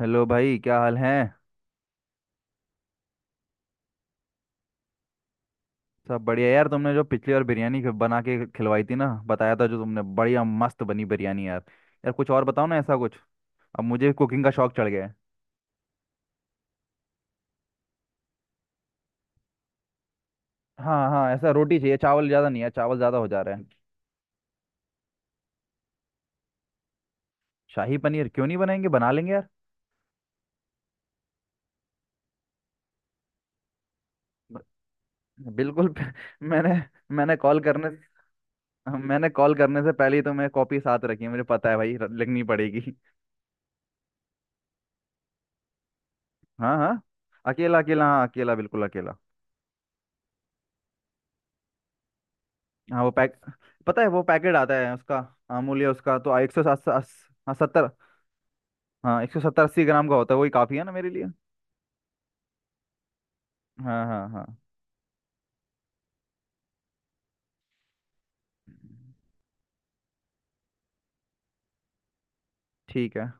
Hello भाई, क्या हाल है? सब बढ़िया यार। तुमने जो पिछली बार बिरयानी बना के खिलवाई थी ना, बताया था जो तुमने, बढ़िया मस्त बनी बिरयानी यार। यार कुछ और बताओ ना ऐसा कुछ। अब मुझे कुकिंग का शौक चढ़ गया है। हाँ, हाँ, ऐसा रोटी चाहिए। चावल ज़्यादा नहीं है, चावल ज़्यादा हो जा रहे हैं। शाही पनीर क्यों नहीं बनाएंगे, बना लेंगे यार। ब- बिल्कुल। मैंने मैंने कॉल करने मैंने कॉल करने से पहले ही तो मैं कॉपी साथ रखी है, मुझे पता है भाई लिखनी पड़ेगी। हाँ, हाँ, अकेला अकेला, हाँ, अकेला बिल्कुल अकेला। हाँ, वो पैक पता है वो पैकेट आता है उसका। अमूल्य, उसका तो 107। हाँ, 70। हाँ, 170 80 ग्राम का होता है, वही काफ़ी है ना मेरे लिए। हाँ, हाँ, हाँ। ठीक है।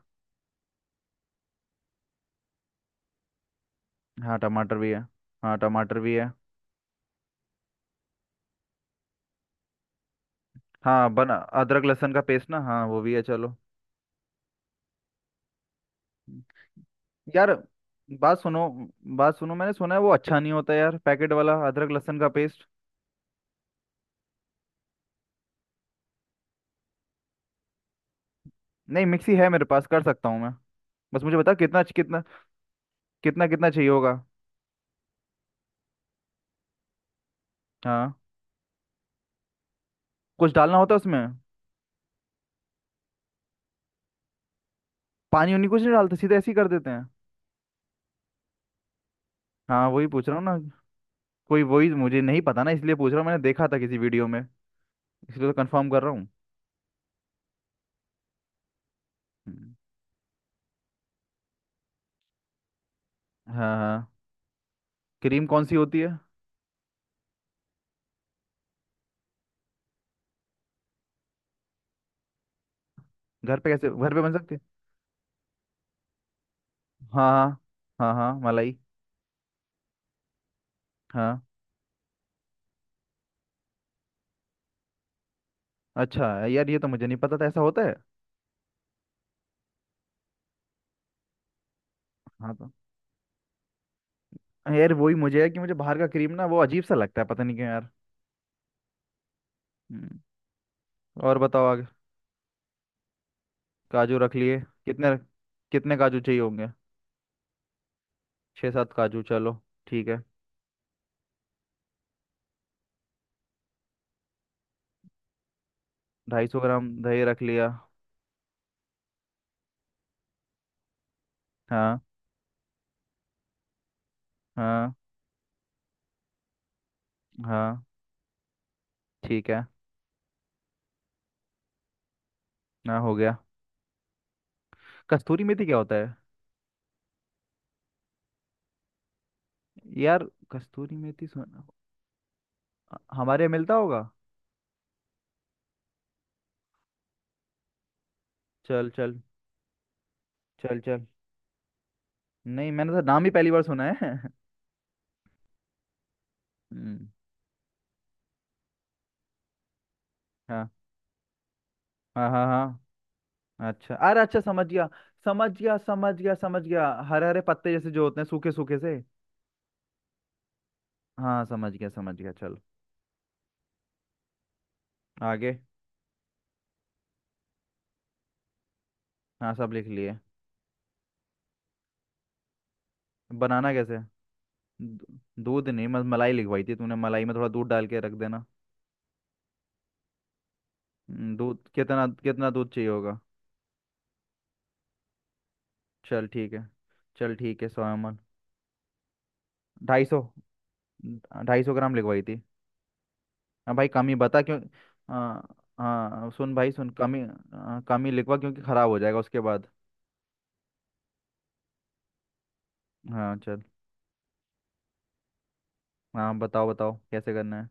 हाँ, टमाटर भी है। हाँ, टमाटर भी है। हाँ, बना। अदरक लहसुन का पेस्ट ना, हाँ, वो भी है, चलो। यार, बात सुनो, बात सुनो, मैंने सुना है वो अच्छा नहीं होता यार, पैकेट वाला अदरक लहसुन का पेस्ट। नहीं, मिक्सी है मेरे पास, कर सकता हूँ मैं। बस मुझे बता कितना कितना। कितना कितना चाहिए होगा? हाँ। कुछ डालना होता है उसमें? पानी उनी कुछ नहीं डालते, सीधे ऐसे ही कर देते हैं? हाँ, वही पूछ रहा हूँ ना। कोई वही मुझे नहीं पता ना, इसलिए पूछ रहा हूँ, मैंने देखा था किसी वीडियो में। इसलिए तो कंफर्म कर रहा हूँ। हम्म। हाँ, हाँ। क्रीम कौन सी होती है? घर पे कैसे, घर पे बन सकती है? हाँ, हाँ, हाँ, हाँ, मलाई। हाँ। अच्छा यार, ये तो मुझे नहीं पता था ऐसा होता है। हाँ तो, यार वही मुझे है कि मुझे बाहर का क्रीम ना, वो अजीब सा लगता है, पता नहीं क्यों यार। हम्म, और बताओ आगे। काजू रख लिए। कितने? कितने काजू चाहिए होंगे? छः सात काजू, चलो। ठीक है। 250 ग्राम दही रख लिया। हाँ, हाँ, हाँ। ठीक है। ना, हो गया। कस्तूरी मेथी क्या होता है? यार, कस्तूरी मेथी सुना? हमारे यहाँ मिलता होगा। चल, चल। चल, चल। नहीं, मैंने तो नाम ही पहली बार सुना है। हम्म। हाँ, हाँ, हाँ, हाँ। अच्छा, अरे, अच्छा, समझ गया। समझ गया, समझ गया, समझ गया, हरे हरे पत्ते जैसे जो होते हैं, सूखे सूखे से। हाँ, समझ गया, समझ गया, चल। आगे। हाँ, सब लिख लिए। बनाना कैसे? दू- दूध नहीं, मत मलाई लिखवाई थी तूने, मलाई में थोड़ा दूध डाल के रख देना। दूध कितना कितना दूध चाहिए होगा? चल, ठीक है। चल, ठीक है सोयामन। 250, 250 ग्राम लिखवाई थी। हाँ भाई, कमी बता क्यों। हाँ, हाँ, सुन भाई सुन, कमी, हाँ, कमी लिखवा, क्योंकि ख़राब हो जाएगा उसके बाद। हाँ, चल। हाँ, बताओ बताओ कैसे करना है।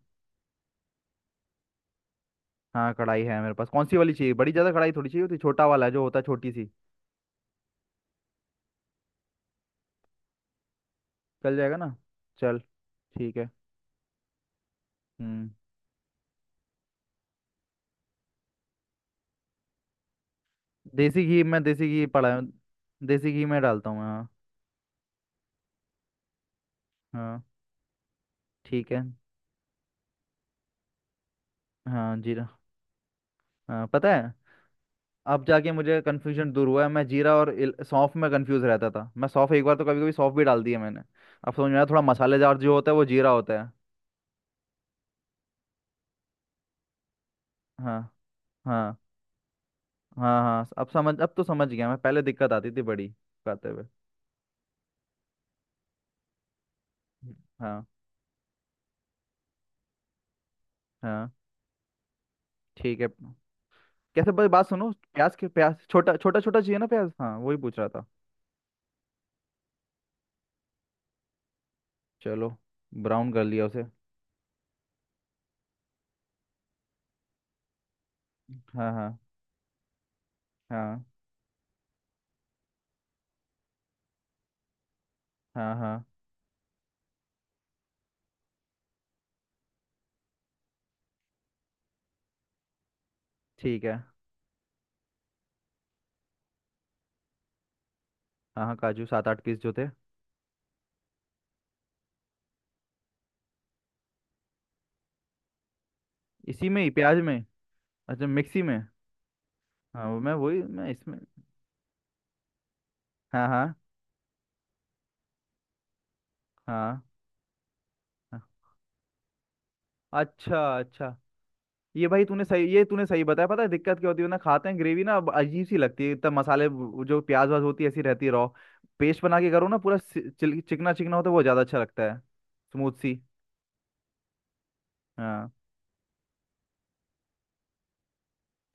हाँ, कढ़ाई है मेरे पास। कौन सी वाली चाहिए? बड़ी ज़्यादा कढ़ाई थोड़ी चाहिए होती, छोटा वाला है जो होता है छोटी सी। चल जाएगा ना? चल। ठीक है। हम्म देसी घी पड़ा है। देसी घी मैं डालता हूँ, हाँ। हाँ, ठीक है। हाँ, जीरा। हाँ, पता है। अब जाके मुझे कन्फ्यूजन दूर हुआ है, मैं जीरा और सौंफ में कंफ्यूज रहता था, मैं सौंफ एक बार तो, कभी कभी सौंफ भी डाल दी है मैंने। अब समझ में आया, थोड़ा मसालेदार जो होता है वो जीरा होता है। हाँ, हाँ, हाँ, हाँ, अब तो समझ गया। मैं पहले दिक्कत आती थी बड़ी खाते हुए। हाँ, हाँ, ठीक है। कैसे भाई, बात सुनो। प्याज छोटा छोटा छोटा चाहिए ना प्याज? हाँ, वही पूछ रहा था। चलो। ब्राउन कर लिया उसे। हाँ, हाँ, हाँ। हाँ, हाँ, ठीक है। हाँ, हाँ, काजू सात आठ पीस जो थे। इसी में ही, प्याज में? अच्छा, मिक्सी में? हाँ, वो मैं वही मैं इसमें। हाँ, हाँ, हाँ, हाँ। अच्छा, अच्छा। ये तूने सही बताया। पता है दिक्कत क्या होती है ना, खाते हैं ग्रेवी ना, अब अजीब सी लगती है, इतना मसाले, वो जो प्याज वाज होती है ऐसी रहती है, रॉ। पेस्ट बना के करो ना, पूरा चिकना चिकना होता है, वो ज़्यादा अच्छा लगता है। स्मूथ सी। हाँ।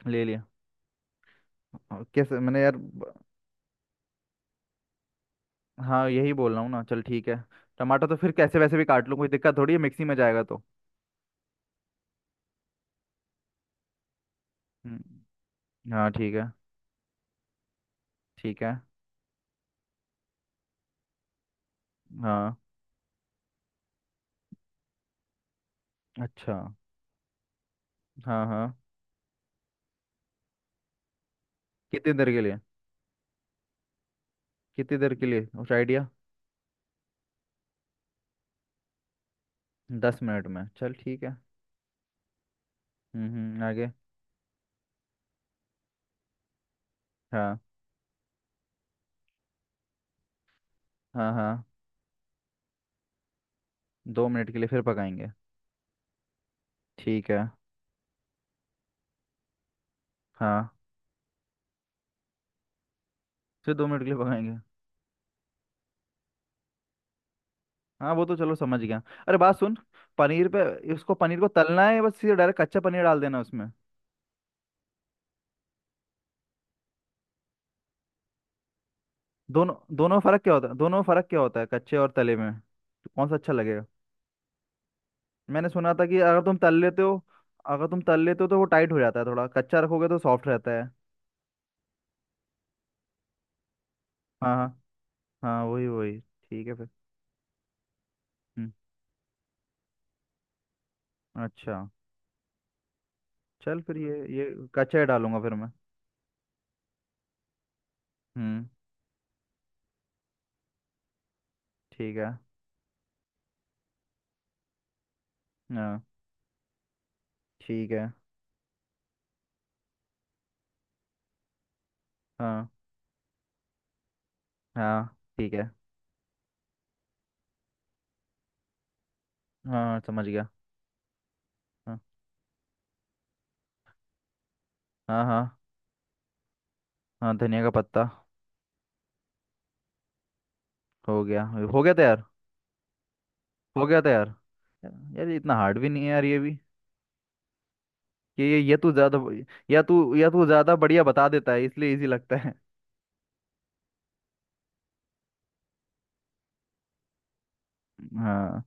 ले लिया। और कैसे मैंने यार। हाँ, यही बोल रहा हूँ ना, चल, ठीक है। टमाटर तो फिर कैसे वैसे भी काट लूँ, कोई दिक्कत थोड़ी है, मिक्सी में जाएगा तो। हम्म। हाँ, ठीक है, ठीक है। हाँ। अच्छा। हाँ, हाँ। कितनी देर के लिए कितनी देर के लिए उस आइडिया? 10 मिनट में। चल, ठीक है। हम्म। आगे। हाँ। हाँ, हाँ। दो मिनट के लिए फिर पकाएंगे। ठीक है। हाँ। फिर 2 मिनट के लिए पकाएंगे। हाँ, वो तो चलो समझ गया। अरे, बात सुन। पनीर पे, इसको पनीर को तलना है या बस सीधे डायरेक्ट कच्चा पनीर डाल देना उसमें? दोनों दोनों में फर्क क्या होता है दोनों में फर्क क्या होता है, कच्चे और तले में? तो कौन सा अच्छा लगेगा? मैंने सुना था कि अगर तुम तल लेते हो अगर तुम तल लेते हो तो वो टाइट हो जाता है, थोड़ा कच्चा रखोगे तो सॉफ्ट रहता है। हाँ, हाँ। हाँ, वही वही, ठीक है फिर। हम्म, अच्छा। चल फिर ये। कच्चा ही डालूंगा फिर मैं। हम्म, ठीक है। हाँ, ठीक है। हाँ, हाँ, ठीक है। हाँ, समझ गया। हाँ, हाँ, हाँ। हाँ, धनिया का पत्ता। हो गया। हो गया तैयार। हो गया तैयार। यार, ये इतना हार्ड भी नहीं है यार, ये भी ये तू ज़्यादा। या तू ज़्यादा बढ़िया बता देता है, इसलिए इजी लगता है। हाँ।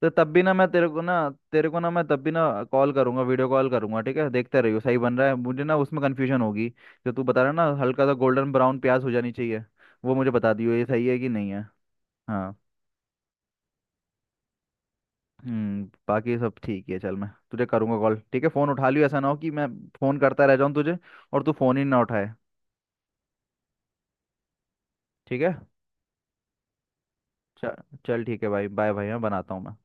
तो तब भी ना मैं तेरे को ना मैं तब भी ना कॉल करूंगा, वीडियो कॉल करूंगा, ठीक है? देखते रहियो सही बन रहा है, मुझे ना उसमें कन्फ्यूजन होगी। जो तू बता रहा है ना, हल्का सा गोल्डन ब्राउन प्याज हो जानी चाहिए। वो मुझे बता दियो, ये सही है कि नहीं है। हाँ। बाकी सब ठीक है, चल, मैं तुझे करूंगा कॉल, ठीक है? फ़ोन उठा लियो, ऐसा ना हो कि मैं फ़ोन करता रह जाऊँ तुझे, और तू फ़ोन ही ना उठाए। ठीक है। चल। चल, ठीक है भाई, बाय भाई, मैं बनाता हूँ मैं।